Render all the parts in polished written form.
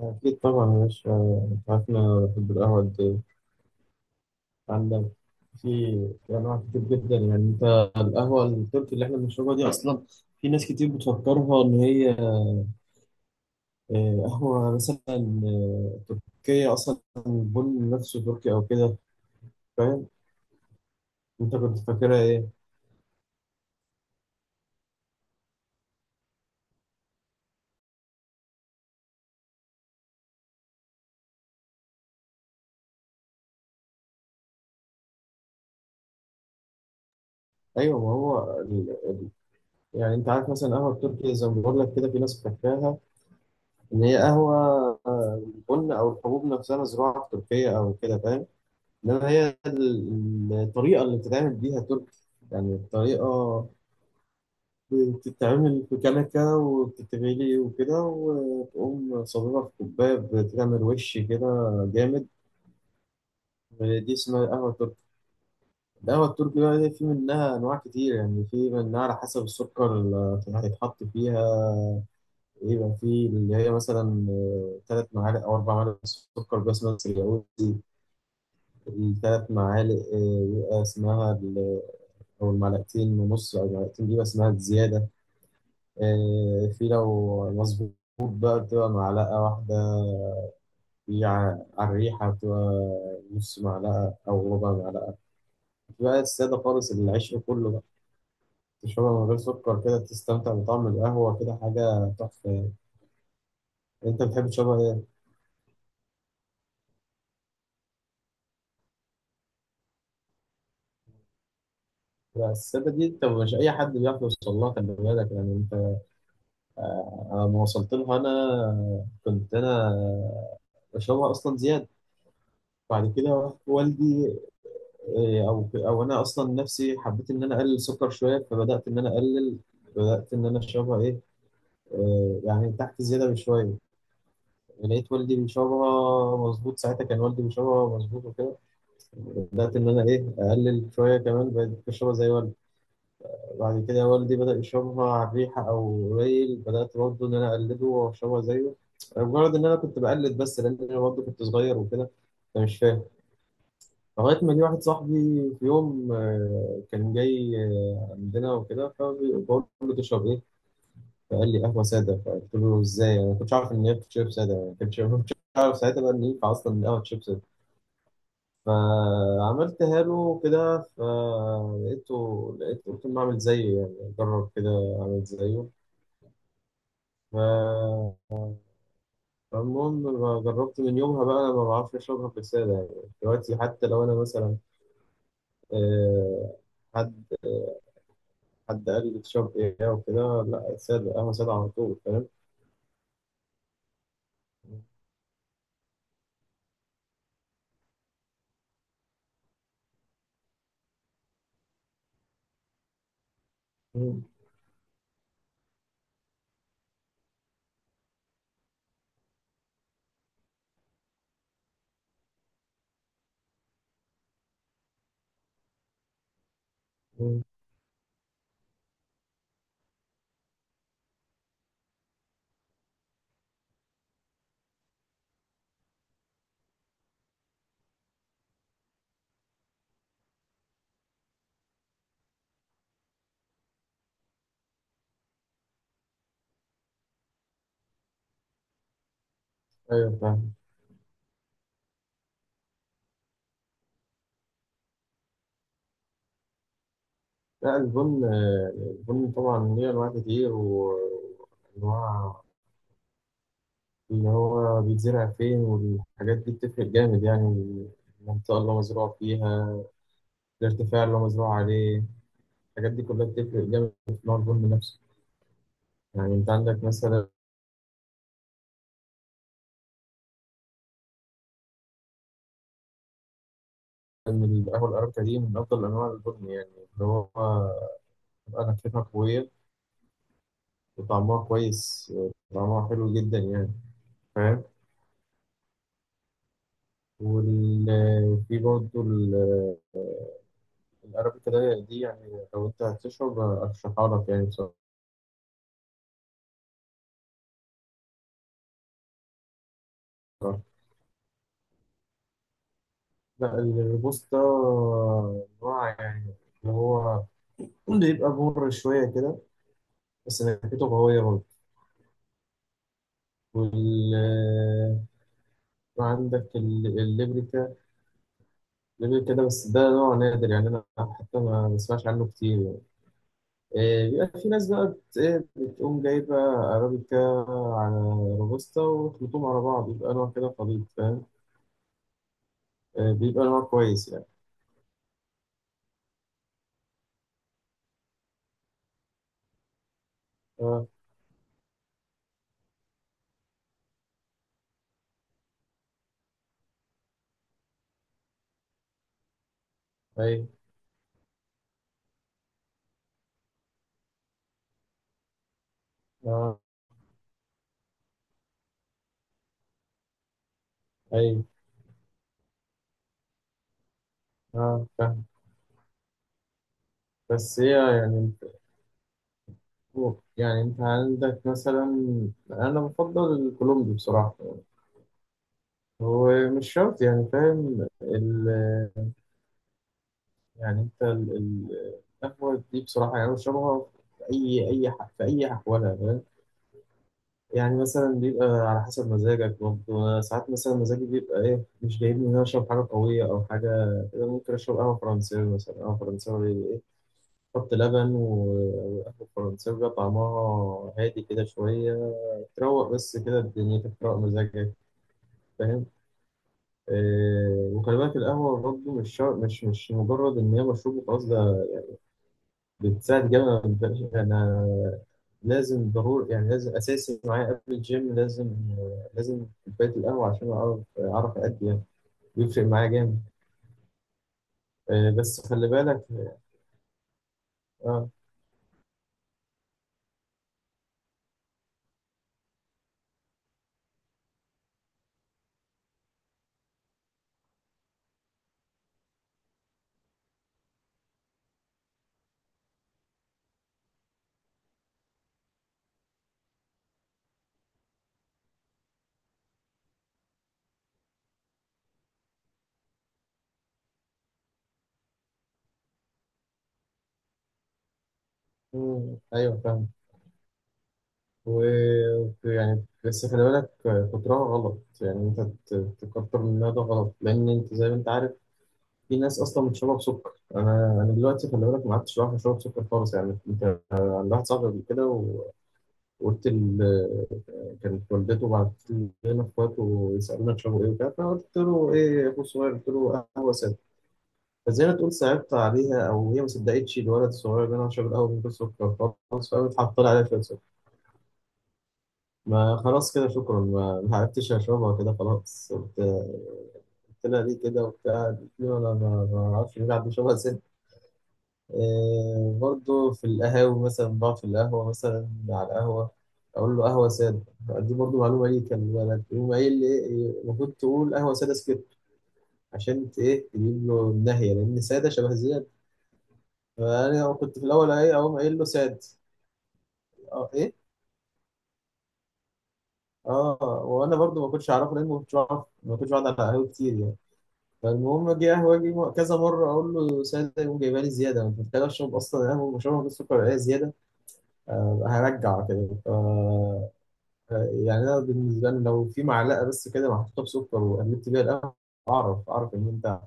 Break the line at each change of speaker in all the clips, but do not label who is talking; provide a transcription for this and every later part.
أكيد طبعا يا باشا. أنت عارف إن أنا بحب القهوة قد إيه. عندك في في أنواع كتير جدا يعني. أنت القهوة التركي اللي إحنا بنشربها دي أصلا، في ناس كتير بتفكرها إن هي قهوة مثلا، تركية أصلا، البن نفسه تركي أو كده، فاهم. أنت كنت فاكرها إيه؟ أيوه، ما هو يعني أنت عارف مثلا القهوة التركي زي ما بقول لك كده، في ناس فاكراها إن هي قهوة، آه، البن أو الحبوب نفسها زراعة في تركيا أو كده، فاهم. انما هي الطريقه اللي بتتعمل بيها تركي. يعني الطريقه بتتعمل في كنكه وبتتغلي وكده، وتقوم صببها في كوبايه بتعمل وش كده جامد. دي اسمها القهوه التركي. القهوه التركي بقى دي في منها انواع كتير، يعني في منها على حسب السكر اللي هيتحط فيها. يبقى في اللي هي مثلا 3 معالق او 4 معالق سكر بس، اسمها السرياوي. الثلاث معالق بيبقى اسمها او المعلقتين ونص، او المعلقتين دي بس معلقة زياده. في لو مظبوط بقى بتبقى معلقه واحده. في على الريحه بتبقى نص معلقه او ربع معلقه. في بقى الساده خالص، العيش كله بقى تشربها من غير سكر كده تستمتع بطعم القهوه كده، حاجه تحفه يعني. انت بتحب تشربها ايه؟ لا، الساده دي انت مش اي حد بيعرف يوصل لها، خلي بالك يعني. انت أنا لما وصلت لها انا كنت انا بشربها اصلا زياده. بعد كده والدي إيه، او او انا اصلا نفسي حبيت ان انا اقلل سكر شويه، فبدات ان انا اقلل. بدات ان انا اشربها ايه، يعني تحت زياده بشويه. لقيت والدي بيشربها مظبوط، ساعتها كان والدي بيشربها مظبوط وكده، بدات ان انا اقلل شويه كمان، بقيت بشربها زي والدي. بعد كده والدي بدا يشربها على الريحه او قليل، بدات برضه ان انا اقلده واشربها زيه. مجرد ان انا كنت بقلد بس لان انا برضه كنت صغير وكده، فمش فاهم. لغاية ما جه واحد صاحبي في يوم، كان جاي عندنا وكده، فبقول له تشرب إيه؟ فقال لي قهوة سادة. فقلت له إزاي؟ أنا ما كنتش عارف إن هي بتشرب سادة. يعني ما كنتش عارف ساعتها بقى إن ينفع أصلا إن القهوة تشرب سادة. فعملتها له كده فلقيته قلت له أعمل زيه، يعني أجرب كده، أعمل زيه. ف- فالمهم، جربت من يومها بقى. أنا ما بعرفش أشربها في السادة يعني. دلوقتي حتى لو أنا مثلا، آه، حد حد قال لي تشرب ايه وكده، لا سادة، قهوة سادة على طول، فاهم. مم. مم. ايوه، فاهم. لا البن، البن طبعا ليه انواع كتير. وانواع اللي هو بيتزرع فين والحاجات دي بتفرق جامد يعني. المنطقة اللي هو مزروع فيها، الارتفاع اللي هو مزروع عليه، الحاجات دي كلها بتفرق جامد في نوع البن نفسه. يعني انت عندك مثلا القهوة الأرابيكا، دي من أفضل أنواع البن يعني، اللي هو أنا كتير قوية، طعمها كويس، طعمها حلو جدا يعني، فاهم. وفي برضه الأرابيكا ده دي، يعني لو أنت هتشرب أرشحها لك يعني بصراحة. لا الروبوستا، نوع يعني اللي هو بيبقى مر شوية كده، بس نكهته قوية برضه. وال وعندك الليبريكا. الليبريكا ده بس، ده نوع نادر يعني، أنا حتى ما بسمعش عنه كتير يعني. بيبقى في ناس بقى بت- إيه، بتقوم جايبة أرابيكا على روبوستا وتخلطهم على بعض، يبقى نوع كده خليط، فاهم. بيبقى نوع كويس يعني. اه. أي. اه. أي. اه، فاهم. بس هي يعني أنت عندك مثلا، أنا بفضل الكولومبي بصراحة. هو مش شرط يعني فاهم. يعني أنت القهوة دي بصراحة، يعني أنا بشربها في أي أحوالها، فاهم؟ يعني مثلا بيبقى على حسب مزاجك برضه. أنا ساعات مثلا مزاجي بيبقى مش جايبني إن أنا أشرب حاجة قوية أو حاجة كده، ممكن أشرب قهوة فرنساوي مثلا. قهوة فرنساوي حط لبن وقهوة فرنساوي بقى طعمها هادي كده شوية، تروق، بس كده دنيتك تروق مزاجك، فاهم. وخلي بالك القهوة برضه مش شر- مش مش مجرد إن هي مشروب وخلاص، ده بتساعد جامد. أنا لازم، ضروري يعني، لازم اساسي معايا قبل الجيم، لازم، كوبايه القهوه عشان اعرف، ادي يعني. بيفرق معايا جامد. بس خلي بالك. اه. مم، ايوه، فاهم. و يعني بس خلي بالك، كترها غلط يعني. انت تكتر منها ده غلط، لان انت زي ما انت عارف في ناس اصلا بتشرب سكر. انا دلوقتي خلي بالك ما عدتش بعرف اشرب سكر خالص يعني. انت عند واحد صاحبي قبل كده وقلت، كانت والدته بعتت لنا اخواته ويسالونا تشربوا ايه وكده، فقلت له ايه يا اخو الصغير، قلت له قهوه ساده. فزي ما تقول صعبت عليها او هي ما صدقتش الولد الصغير ده انا بشرب القهوه من غير سكر خالص، فقامت حاطه لي عليها شويه سكر. ما خلاص كده، شكرا، ما عرفتش اشربها كده خلاص. قلت، قلت لها ليه كده وبتاع، قالت لي انا ما اعرفش ليه، عندي شبه. برضه في القهاوي مثلا، بقعد في القهوة مثلا على القهوة أقول له قهوة سادة. دي برضه معلومة ليه كان بالك، يقوم قايل لي المفروض تقول قهوة سادة سكت عشان ت- إيه تجيب له النهية، لأن سادة شبه زياد. فأنا كنت في الأول أقوم قايل له ساد. أه إيه أه، وأنا برضه ما كنتش أعرفه، لأن ما كنتش بعرف، ما كنتش بقعد على قهوة كتير يعني. فالمهم، أجي قهوة، أجي كذا مرة أقول له سادة يقوم جايبها لي زيادة. أنا كنت محتاج أشرب أصلا قهوة بشربها بالسكر زيادة. هرجع كده. يعني انا بالنسبه لي لو في معلقه بس كده محطوطه بسكر وقلبت بيها القهوه، اعرف، ان انت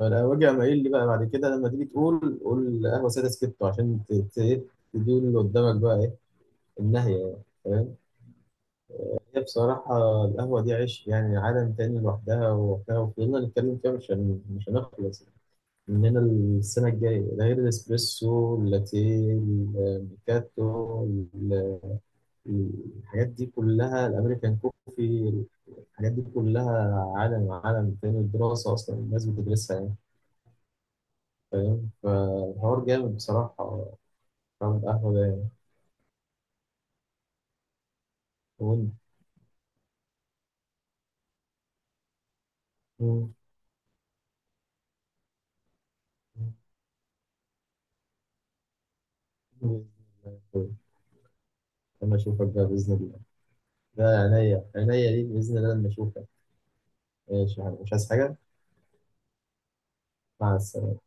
وجع. ما ايه اللي بقى بعد كده لما تيجي تقول، قول قهوه ساده سكتو عشان تدي اللي قدامك بقى ايه النهيه، يعني فاهم. هي بصراحه القهوه دي عيش، يعني عالم تاني لوحدها ووحدها، وفضلنا نتكلم فيها مش هنخلص من هنا السنه الجايه. ده غير الاسبريسو، اللاتيه، الميكاتو، الحاجات دي كلها، الامريكان كوفي، الحاجات دي كلها عالم عالم تاني. الدراسة أصلا الناس بتدرسها يعني، فاهم. فالحوار جامد بصراحة، فاهم القهوة ده يعني. وإنت- مم. لما أشوفك بقى بإذن الله. ده عينيا عينيا ليك بإذن الله لما أشوفك. ماشي يا حبيبي. مش عايز حاجة. مع السلامة.